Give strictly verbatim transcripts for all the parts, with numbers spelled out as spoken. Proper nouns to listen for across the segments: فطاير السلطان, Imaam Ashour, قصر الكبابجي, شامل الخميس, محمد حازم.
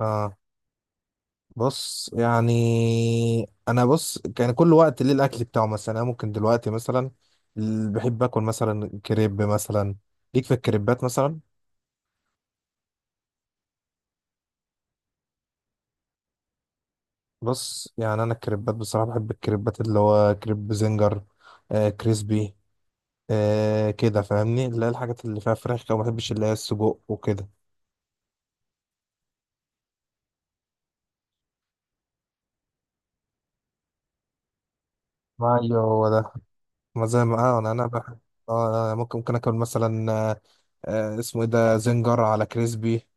اه، بص يعني انا، بص، كان كل وقت ليه الاكل بتاعه، مثلا انا ممكن دلوقتي مثلا، ال- بحب اكل مثلا كريب مثلا، ليك في الكريبات مثلا. بص يعني انا الكريبات بصراحه، بحب الكريبات اللي هو كريب زنجر آه كريسبي. آه كده فاهمني، اللي هي الحاجات اللي فيها فراخ كده، ما بحبش اللي هي السجق وكده. ايوه، هو ده. ما زي ما آه انا انا بحب. اه، أنا ممكن ممكن اكل مثلا آه آه، اسمه ايه ده؟ زنجر على كريسبي.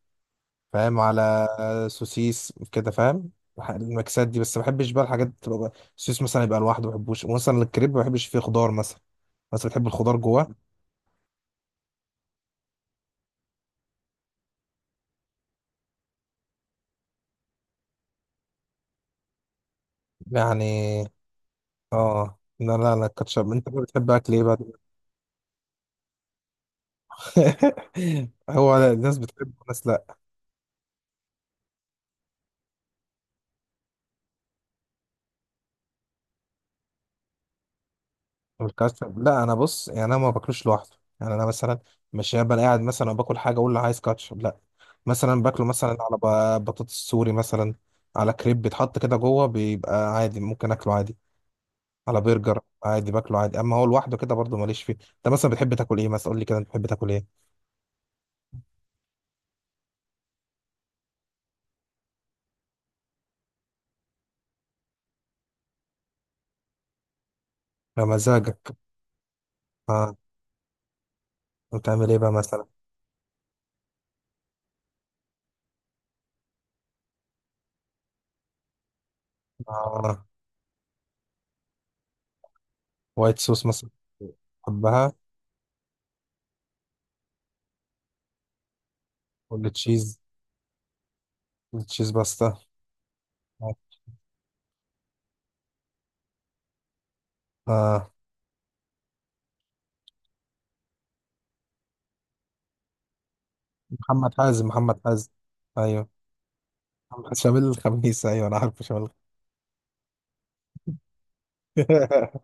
فاهم على سوسيس كده، فاهم؟ المكسات دي بس، ما بحبش بقى الحاجات تبقى السوسيس مثلا يبقى لوحده، ما بحبوش. مثلا الكريب ما بحبش فيه خضار مثلا. بس بتحب الخضار جواه؟ يعني. اه، لا، لا، لا. الكاتشب؟ انت بقى بتحب اكل ايه بقى؟ هو الناس بتحب، الناس لا. الكاتشب لا، انا بص يعني انا ما باكلوش لوحده. يعني انا مثلا مش هبقى قاعد مثلا وباكل حاجه اقول له عايز كاتشب، لا. مثلا باكله مثلا على ب- بطاطس سوري مثلا. على كريب بيتحط كده جوه، بيبقى عادي، ممكن اكله عادي. على برجر عادي باكله عادي، اما هو لوحده كده برضه ماليش فيه. انت مثلا بتحب تاكل ايه مثلا؟ قول لي كده، انت بتحب تاكل ايه؟ بمزاجك. اه، بتعمل ايه بقى مثلا؟ اه، وايت صوص مثلا؟ بحبها. ولا تشيز، تشيز باستا. اه، محمد حازم، محمد حازم. ايوه، محمد شامل الخميس. ايوه، انا عارفه شامل الخميس.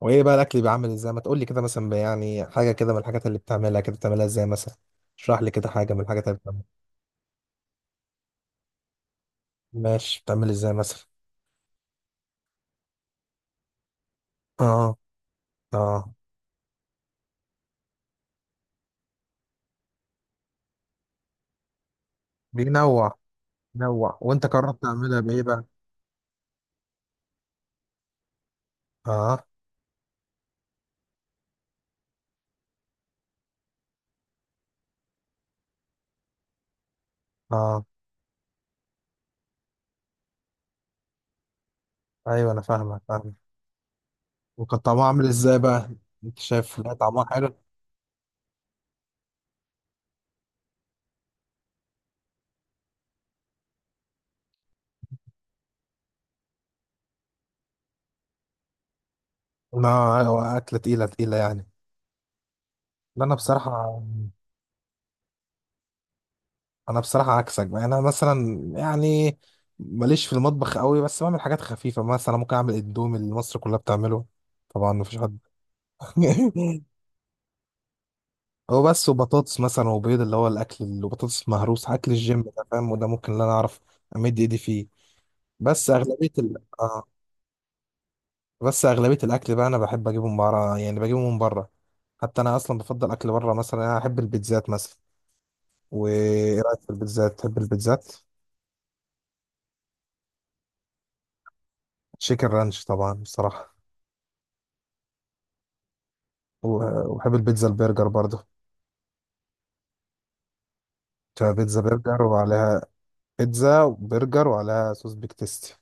وايه بقى الاكل بيعمل ازاي؟ ما تقول لي كده مثلا يعني، حاجه كده من الحاجات اللي بتعملها، كده بتعملها ازاي مثلا؟ اشرح لي كده حاجه من الحاجات اللي بتعملها. ماشي، بتعمل ازاي مثلا؟ اه. اه. بينوع نوع، وانت قررت تعملها بايه بقى؟ اه. اه. ايوه، انا فاهمك فاهمك. وكان طعمها عامل ازاي بقى؟ انت شايف؟ لا، طعمها حلو. لا، ايوه، اكله تقيله تقيله يعني. لا، انا بصراحه انا بصراحه عكسك بقى، انا مثلا يعني ماليش في المطبخ قوي، بس بعمل حاجات خفيفه مثلا، ممكن اعمل اندومي اللي مصر كلها بتعمله. طبعا مفيش حد. هو بس، وبطاطس مثلا وبيض، اللي هو الاكل اللي بطاطس مهروس، اكل الجيم ده، فاهم؟ وده ممكن اللي انا اعرف. امد ايدي فيه. بس اغلبيه ال... آه. بس اغلبيه الاكل بقى انا بحب اجيبه من بره، يعني بجيبه من بره. حتى انا اصلا بفضل اكل بره، مثلا انا احب البيتزات مثلا. وايه رايك في البيتزات؟ تحب البيتزات؟ تشيكن رانش طبعا بصراحه. و- وبحب البيتزا البرجر برضه. تبقى بيتزا برجر، وعليها بيتزا وبرجر وعليها صوص بيك تيستي.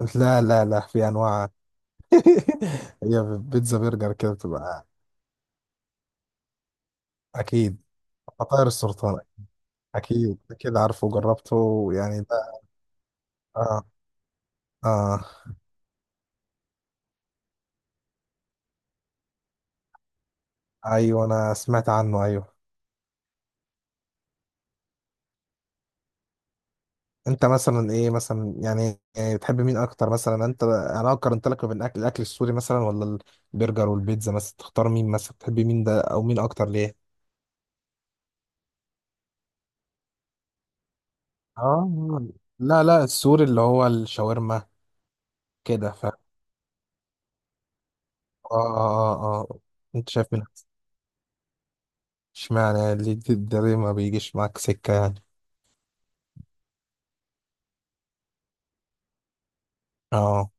لا، لا، لا، في انواع. هي بيتزا برجر كده بتبقى. اكيد. فطاير السلطان. اكيد كده عارفه وجربته يعني ده. اه، اه، ايوه، انا سمعت عنه، ايوه. انت مثلا ايه مثلا يعني يعني بتحب مين اكتر مثلا؟ انت انا لو قارنت لك ما بين الاكل الاكل السوري مثلا، ولا البرجر والبيتزا مثلا، تختار مين مثلا، تحب مين ده او مين اكتر ليه؟ اه، لا، لا، السوري، اللي هو الشاورما. كده ف، اه، اه، اه، اه. انت شايف مين احسن؟ اشمعنى اللي دي- ده ليه ما بيجيش معاك سكة يعني؟ اه،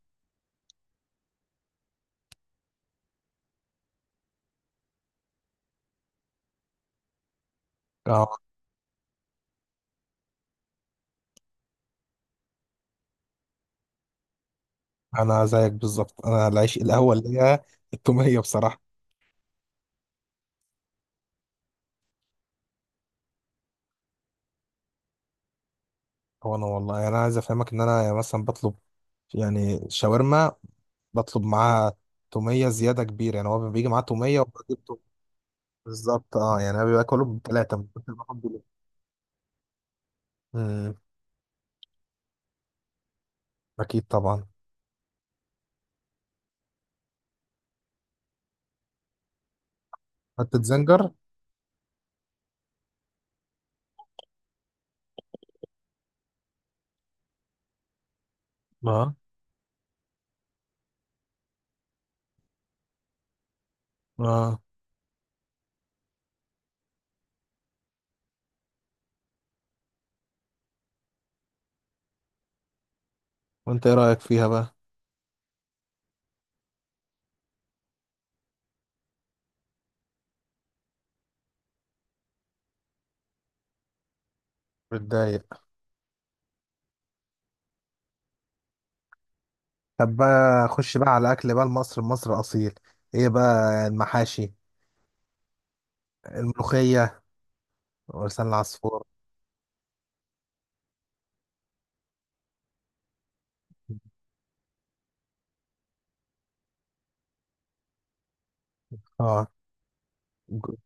اه، انا زيك بالظبط، انا العيش الاول ليا. التومية بصراحة. هو انا والله يعني، انا عايز افهمك ان انا مثلا بطلب، يعني شاورما، بطلب معاه تومية زيادة كبيرة. يعني هو بيجي معاه تومية، وبجيب توم. بالظبط، اه يعني انا باكله بثلاثة من كتر ما باكله. امم. اكيد طبعا. حتة زنجر. اه، اه، وانت ايه رأيك فيها بقى؟ بتضايق. طب بقى، خش بقى على اكل بقى مصر مصر اصيل. ايه بقى المحاشي؟ الملوخية ولسان العصفور. اه ج-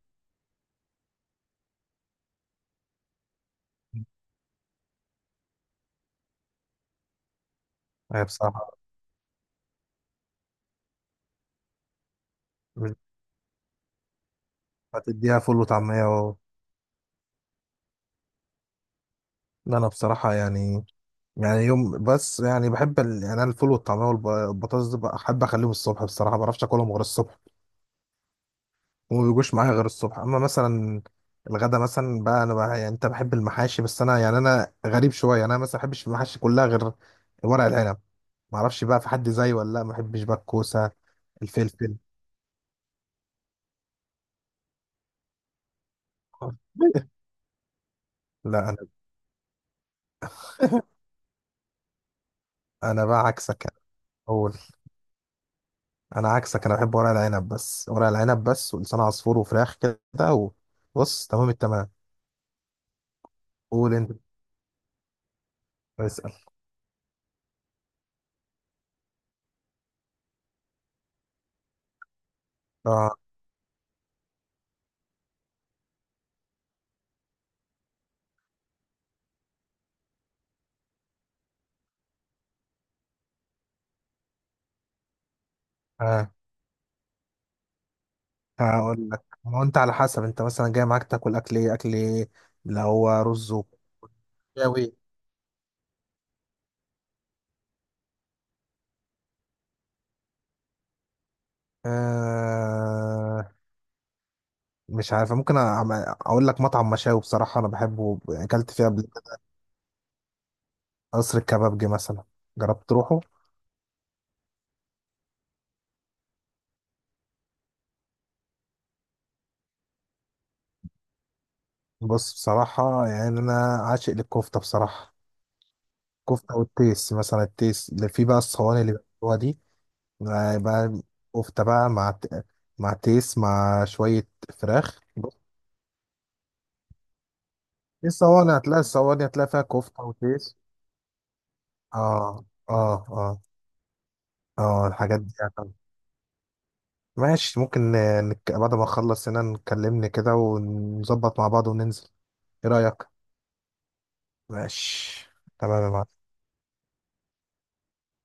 هي بصراحة. هتديها فول وطعمية و... لا، انا بصراحة يعني، يعني يوم بس، يعني بحب ال... يعني انا الفول والطعميه والبطاطس دي بحب اخليهم الصبح، بصراحه ما بعرفش اكلهم غير الصبح. وما بيجوش معايا غير الصبح، اما مثلا الغدا مثلا بقى انا بقى يعني، انت بحب المحاشي، بس انا يعني انا غريب شويه، يعني انا مثلا ما بحبش المحاشي كلها غير ورق العنب. ما اعرفش بقى، في حد زيي ولا؟ لا، ما بحبش بقى الكوسه. الفلفل. لا، انا. انا بقى عكسك يعني. اقول. انا عكسك، انا بحب ورق العنب بس، ورق العنب بس، ولسان عصفور وفراخ كده. وبص، تمام التمام. قول انت. اه. آه، هقول لك، ما هو انت على حسب، انت مثلا جاي معاك تاكل اكل ايه اكل ايه، اللي هو رز وشاوي. آه مش عارف، ممكن أعم- اقول لك مطعم مشاوي بصراحه، انا بحبه، يعني اكلت فيها قبل كده. قصر الكبابجي مثلا، جربت تروحه؟ بص بصراحه يعني انا، عاشق للكفته بصراحه. كفته والتيس مثلا، التيس اللي فيه بقى الصواني اللي بيعملوها دي. بقى بقى كفته بقى مع ت- مع تيس مع شويه فراخ. في صواني هتلاقي، الصواني هتلاقي فيها كفتة وتيس. اه، اه، اه، اه. الحاجات دي يعني. ماشي ممكن ن- نك... بعد ما نخلص هنا، نكلمني كده ونظبط مع بعض وننزل. ايه رأيك؟ ماشي تمام يا معلم.